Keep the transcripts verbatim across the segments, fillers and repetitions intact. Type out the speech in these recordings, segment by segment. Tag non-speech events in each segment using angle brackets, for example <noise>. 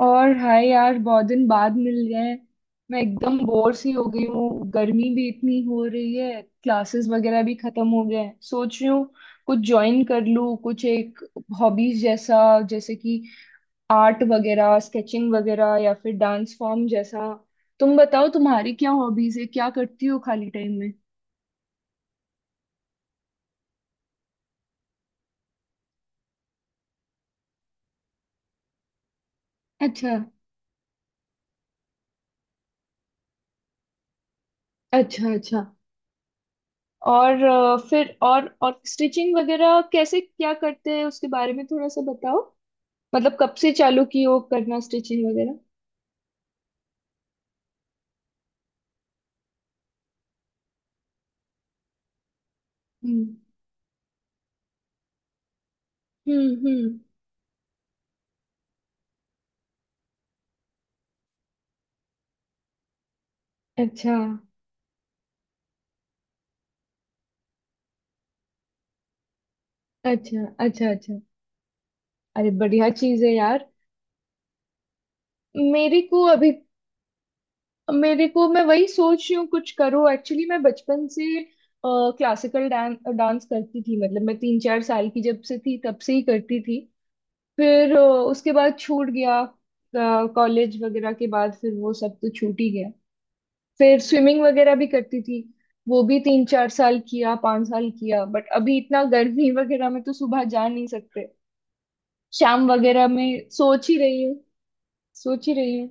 और हाय यार, बहुत दिन बाद मिल रहे हैं। मैं एकदम बोर सी हो गई हूँ, गर्मी भी इतनी हो रही है, क्लासेस वगैरह भी खत्म हो गए हैं। सोच रही हूँ कुछ ज्वाइन कर लूँ, कुछ एक हॉबीज जैसा, जैसे कि आर्ट वगैरह, स्केचिंग वगैरह या फिर डांस फॉर्म जैसा। तुम बताओ, तुम्हारी क्या हॉबीज है, क्या करती हो खाली टाइम में? अच्छा अच्छा अच्छा। और अ, फिर और और स्टिचिंग वगैरह कैसे क्या करते हैं, उसके बारे में थोड़ा सा बताओ। मतलब कब से चालू की हो करना स्टिचिंग वगैरह? हम्म हम्म हम्म। अच्छा अच्छा अच्छा अच्छा। अरे बढ़िया चीज है यार। मेरे को अभी मेरे को, मैं वही सोच रही हूँ कुछ करो। एक्चुअली मैं बचपन से क्लासिकल डांस डांस करती थी, मतलब मैं तीन चार साल की जब से थी, तब से ही करती थी। फिर अ, उसके बाद छूट गया। कॉलेज वगैरह के बाद फिर वो सब तो छूट ही गया। फिर स्विमिंग वगैरह भी करती थी। वो भी तीन चार साल किया, पांच साल किया, बट अभी इतना गर्मी <laughs> वगैरह में तो सुबह जा नहीं सकते। शाम वगैरह में सोच ही रही हूँ। सोच ही रही हूँ।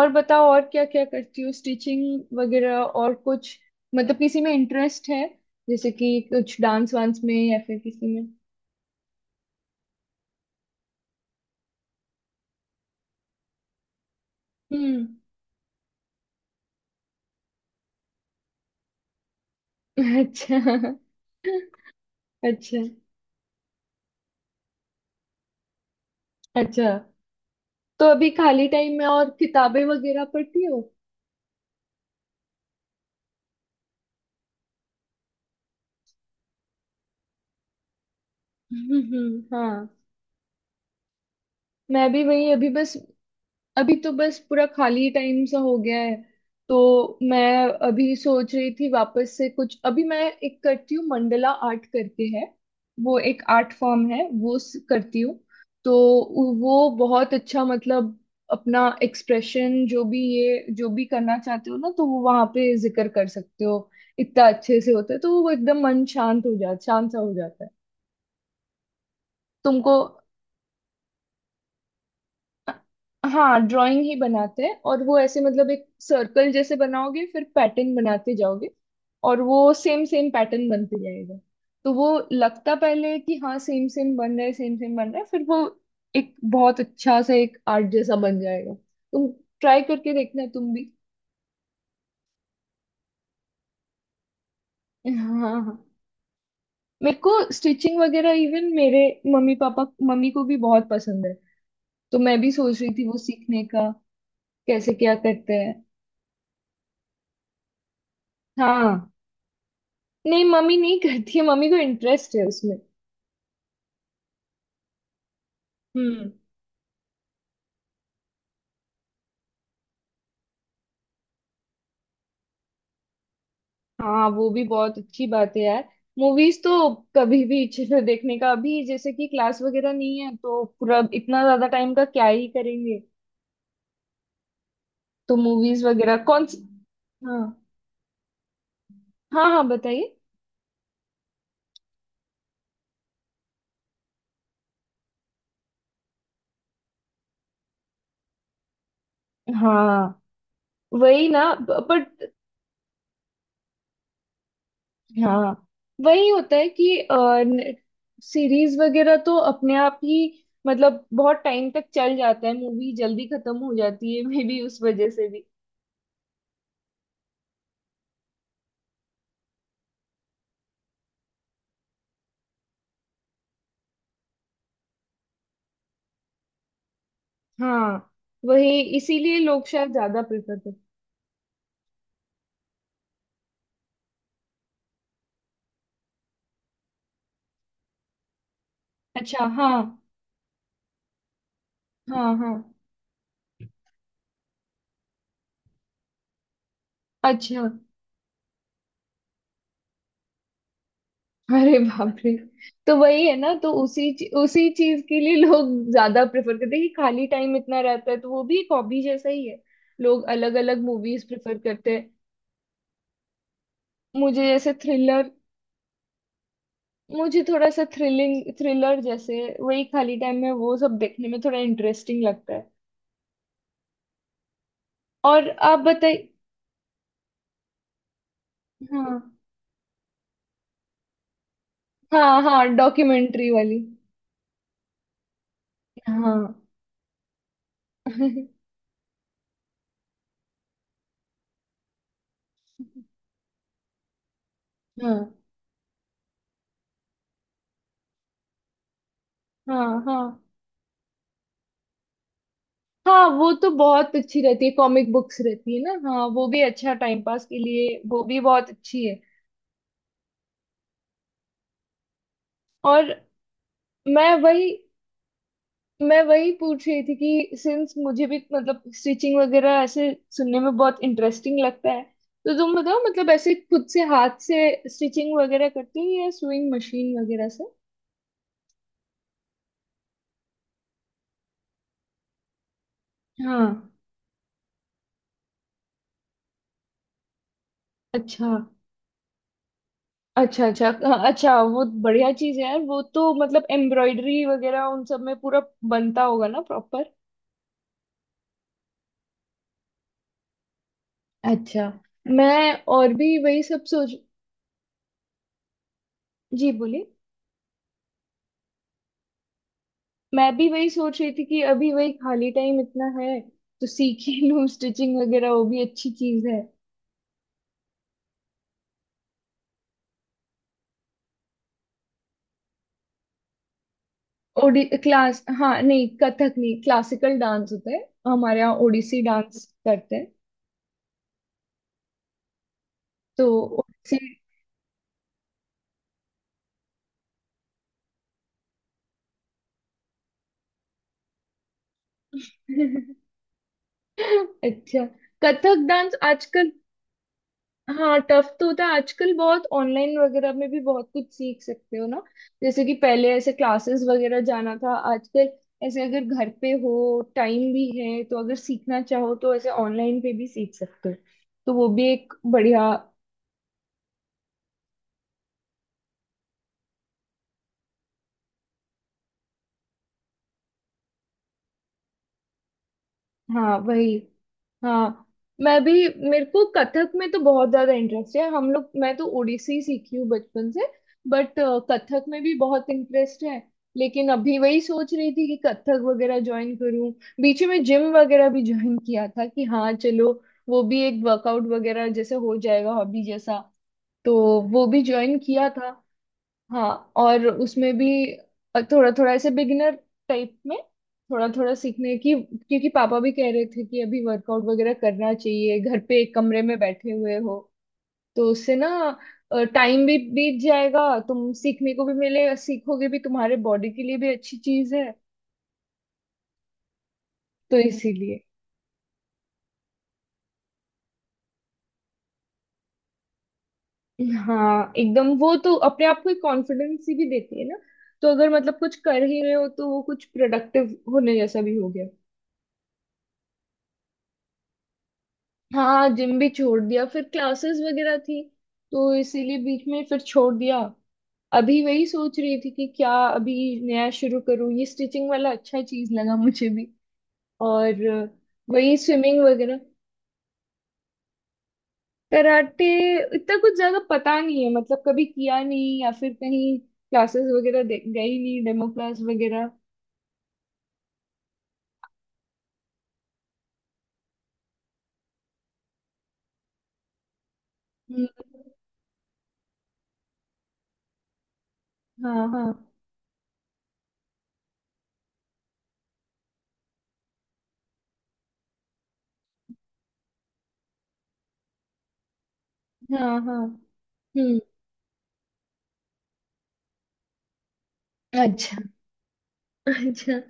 और बताओ, और क्या क्या करती हो? स्टिचिंग वगैरह और कुछ, मतलब किसी में इंटरेस्ट है, जैसे कि कुछ डांस वांस में या फिर किसी में? हम्म। अच्छा। <laughs> अच्छा अच्छा। तो अभी खाली टाइम में और किताबें वगैरह पढ़ती हो? <laughs> हम्म हम्म, हाँ। मैं भी वही, अभी बस, अभी तो बस पूरा खाली टाइम सा हो गया है। तो मैं अभी सोच रही थी वापस से कुछ, अभी मैं एक करती हूँ मंडला आर्ट करके है। वो एक आर्ट फॉर्म है, वो स- करती हूँ। तो उ- वो बहुत अच्छा, मतलब अपना एक्सप्रेशन जो भी, ये जो भी करना चाहते हो ना, तो वो वहां पे जिक्र कर सकते हो। इतना अच्छे से होता है, तो वो एकदम मन शांत हो जाता, शांत सा हो जाता है। तुमको, हाँ ड्राइंग ही बनाते हैं, और वो ऐसे मतलब एक सर्कल जैसे बनाओगे, फिर पैटर्न बनाते जाओगे। और वो सेम सेम पैटर्न बनते जाएगा। तो वो लगता पहले है कि हाँ सेम सेम बन रहा है, सेम सेम बन रहा है, फिर वो एक बहुत अच्छा सा एक आर्ट जैसा बन जाएगा। तुम ट्राई करके देखना तुम भी। हाँ हाँ। मेरे को स्टिचिंग वगैरह इवन मेरे मम्मी पापा, मम्मी को भी बहुत पसंद है। तो मैं भी सोच रही थी वो सीखने का। कैसे क्या करते हैं? हाँ। नहीं मम्मी नहीं करती है, मम्मी को इंटरेस्ट है उसमें। हम्म। हाँ वो भी बहुत अच्छी बात है यार। मूवीज तो कभी भी इच्छा है देखने का। अभी जैसे कि क्लास वगैरह नहीं है, तो पूरा इतना ज्यादा टाइम का क्या ही करेंगे। तो मूवीज वगैरह कौन सी? हाँ हाँ हाँ, बताइए। हाँ वही ना। बट हाँ वही होता है कि सीरीज वगैरह तो अपने आप ही मतलब बहुत टाइम तक चल जाता है, मूवी जल्दी खत्म हो जाती है <laughs> मे बी उस वजह से भी। हाँ वही इसीलिए लोग शायद ज्यादा प्रेफर करते। अच्छा। हाँ हाँ हाँ। अच्छा। अरे बाप रे। तो वही है ना, तो उसी चीज- उसी चीज के लिए लोग ज्यादा प्रेफर करते हैं कि खाली टाइम इतना रहता है, तो वो भी एक हॉबी जैसा ही है। लोग अलग अलग मूवीज प्रेफर करते हैं। मुझे जैसे थ्रिलर, मुझे थोड़ा सा थ्रिलिंग थ्रिलर जैसे वही खाली टाइम में वो सब देखने में थोड़ा इंटरेस्टिंग लगता है। और आप बताइए? हाँ हाँ। हाँ डॉक्यूमेंट्री वाली। हाँ। <laughs> हाँ हाँ हाँ। हाँ वो तो बहुत अच्छी रहती है, कॉमिक बुक्स रहती है ना। हाँ वो भी अच्छा टाइम पास के लिए, वो भी बहुत अच्छी है। और मैं वही मैं वही पूछ रही थी कि सिंस मुझे भी मतलब स्टिचिंग वगैरह ऐसे सुनने में बहुत इंटरेस्टिंग लगता है। तो तुम बताओ मतलब ऐसे खुद से हाथ से स्टिचिंग वगैरह करती हो या सुइंग मशीन वगैरह से? हाँ। अच्छा अच्छा अच्छा हाँ, अच्छा वो बढ़िया चीज है यार। वो तो मतलब एम्ब्रॉयडरी वगैरह उन सब में पूरा बनता होगा ना प्रॉपर। अच्छा। मैं और भी वही सब सोच। जी बोली? मैं भी वही सोच रही थी कि अभी वही खाली टाइम इतना है, तो सीख ही <laughs> लूँ स्टिचिंग वगैरह, वो भी अच्छी चीज है। ओडी क्लास, हाँ, नहीं कथक नहीं, क्लासिकल डांस होता है। हमारे यहाँ ओडिसी डांस करते हैं। तो ओडिसी। <laughs> अच्छा। कथक डांस आजकल। हाँ टफ तो होता है, आजकल बहुत ऑनलाइन वगैरह में भी बहुत कुछ सीख सकते हो ना, जैसे कि पहले ऐसे क्लासेस वगैरह जाना था, आजकल ऐसे अगर घर पे हो, टाइम भी है, तो अगर सीखना चाहो तो ऐसे ऑनलाइन पे भी सीख सकते हो। तो वो भी एक बढ़िया। हाँ वही। हाँ मैं भी, मेरे को कथक में तो बहुत ज्यादा इंटरेस्ट है। हम लोग, मैं तो ओडिसी सीखी हूँ बचपन से, बट कथक में भी बहुत इंटरेस्ट है। लेकिन अभी वही सोच रही थी कि कथक वगैरह ज्वाइन करूँ। बीच में जिम वगैरह भी ज्वाइन किया था कि हाँ चलो, वो भी एक वर्कआउट वगैरह जैसे हो जाएगा, हॉबी जैसा। तो वो भी ज्वाइन किया था। हाँ। और उसमें भी थोड़ा थोड़ा ऐसे बिगिनर टाइप में थोड़ा थोड़ा सीखने की, क्योंकि पापा भी कह रहे थे कि अभी वर्कआउट वगैरह करना चाहिए, घर पे एक कमरे में बैठे हुए हो, तो उससे ना टाइम भी बीत जाएगा, तुम सीखने को भी मिलेगा, सीखोगे भी, तुम्हारे बॉडी के लिए भी अच्छी चीज है। तो इसीलिए। हाँ एकदम, वो तो अपने आप को एक कॉन्फिडेंस ही भी देती है ना। तो अगर मतलब कुछ कर ही रहे हो, तो वो कुछ प्रोडक्टिव होने जैसा भी हो गया। हाँ जिम भी छोड़ दिया, फिर क्लासेस वगैरह थी तो इसीलिए बीच में फिर छोड़ दिया। अभी वही सोच रही थी कि क्या अभी नया शुरू करूँ, ये स्टिचिंग वाला अच्छा चीज लगा मुझे भी। और वही स्विमिंग वगैरह। कराटे, इतना कुछ ज्यादा पता नहीं है, मतलब कभी किया नहीं या फिर कहीं क्लासेस वगैरह दे- गई नहीं, डेमो क्लास वगैरह। हम्म, हाँ हाँ। हाँ हाँ। हम्म। अच्छा। <laughs> अच्छा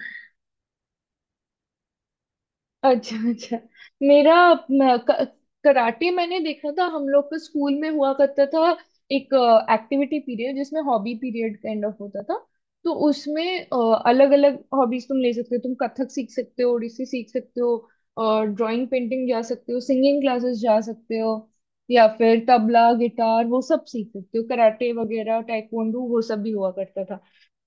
अच्छा अच्छा। मेरा म, क- कराटे मैंने देखा था, हम लोग का स्कूल में हुआ करता था एक एक्टिविटी पीरियड, जिसमें हॉबी पीरियड काइंड ऑफ होता था। तो उसमें अलग अलग हॉबीज तुम ले सकते हो, तुम कथक सीख सकते हो, ओडिसी सीख सकते हो, और ड्राइंग पेंटिंग जा सकते हो, सिंगिंग क्लासेस जा सकते हो, या फिर तबला गिटार वो सब सीख सकते हो, कराटे वगैरह टाइकोंडू वो सब भी हुआ करता था।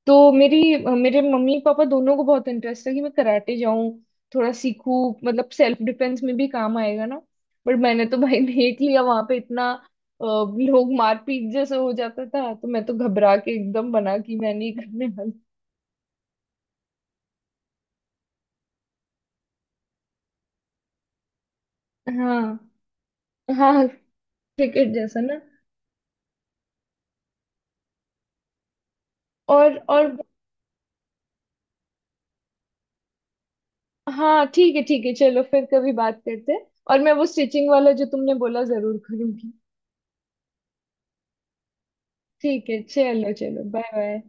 तो मेरी मेरे मम्मी पापा दोनों को बहुत इंटरेस्ट था कि मैं कराटे जाऊं, थोड़ा सीखूं, मतलब सेल्फ डिफेंस में भी काम आएगा ना। बट मैंने तो भाई <laughs> देख लिया, वहां पे इतना अ, लोग मारपीट जैसे हो जाता था, तो मैं तो घबरा के एकदम बना कि मैं नहीं करने वाली। हाँ हाँ। क्रिकेट जैसा ना। और और हाँ ठीक है ठीक है, चलो फिर कभी बात करते हैं, और मैं वो स्टिचिंग वाला जो तुमने बोला जरूर करूंगी। ठीक है, चलो चलो, बाय बाय।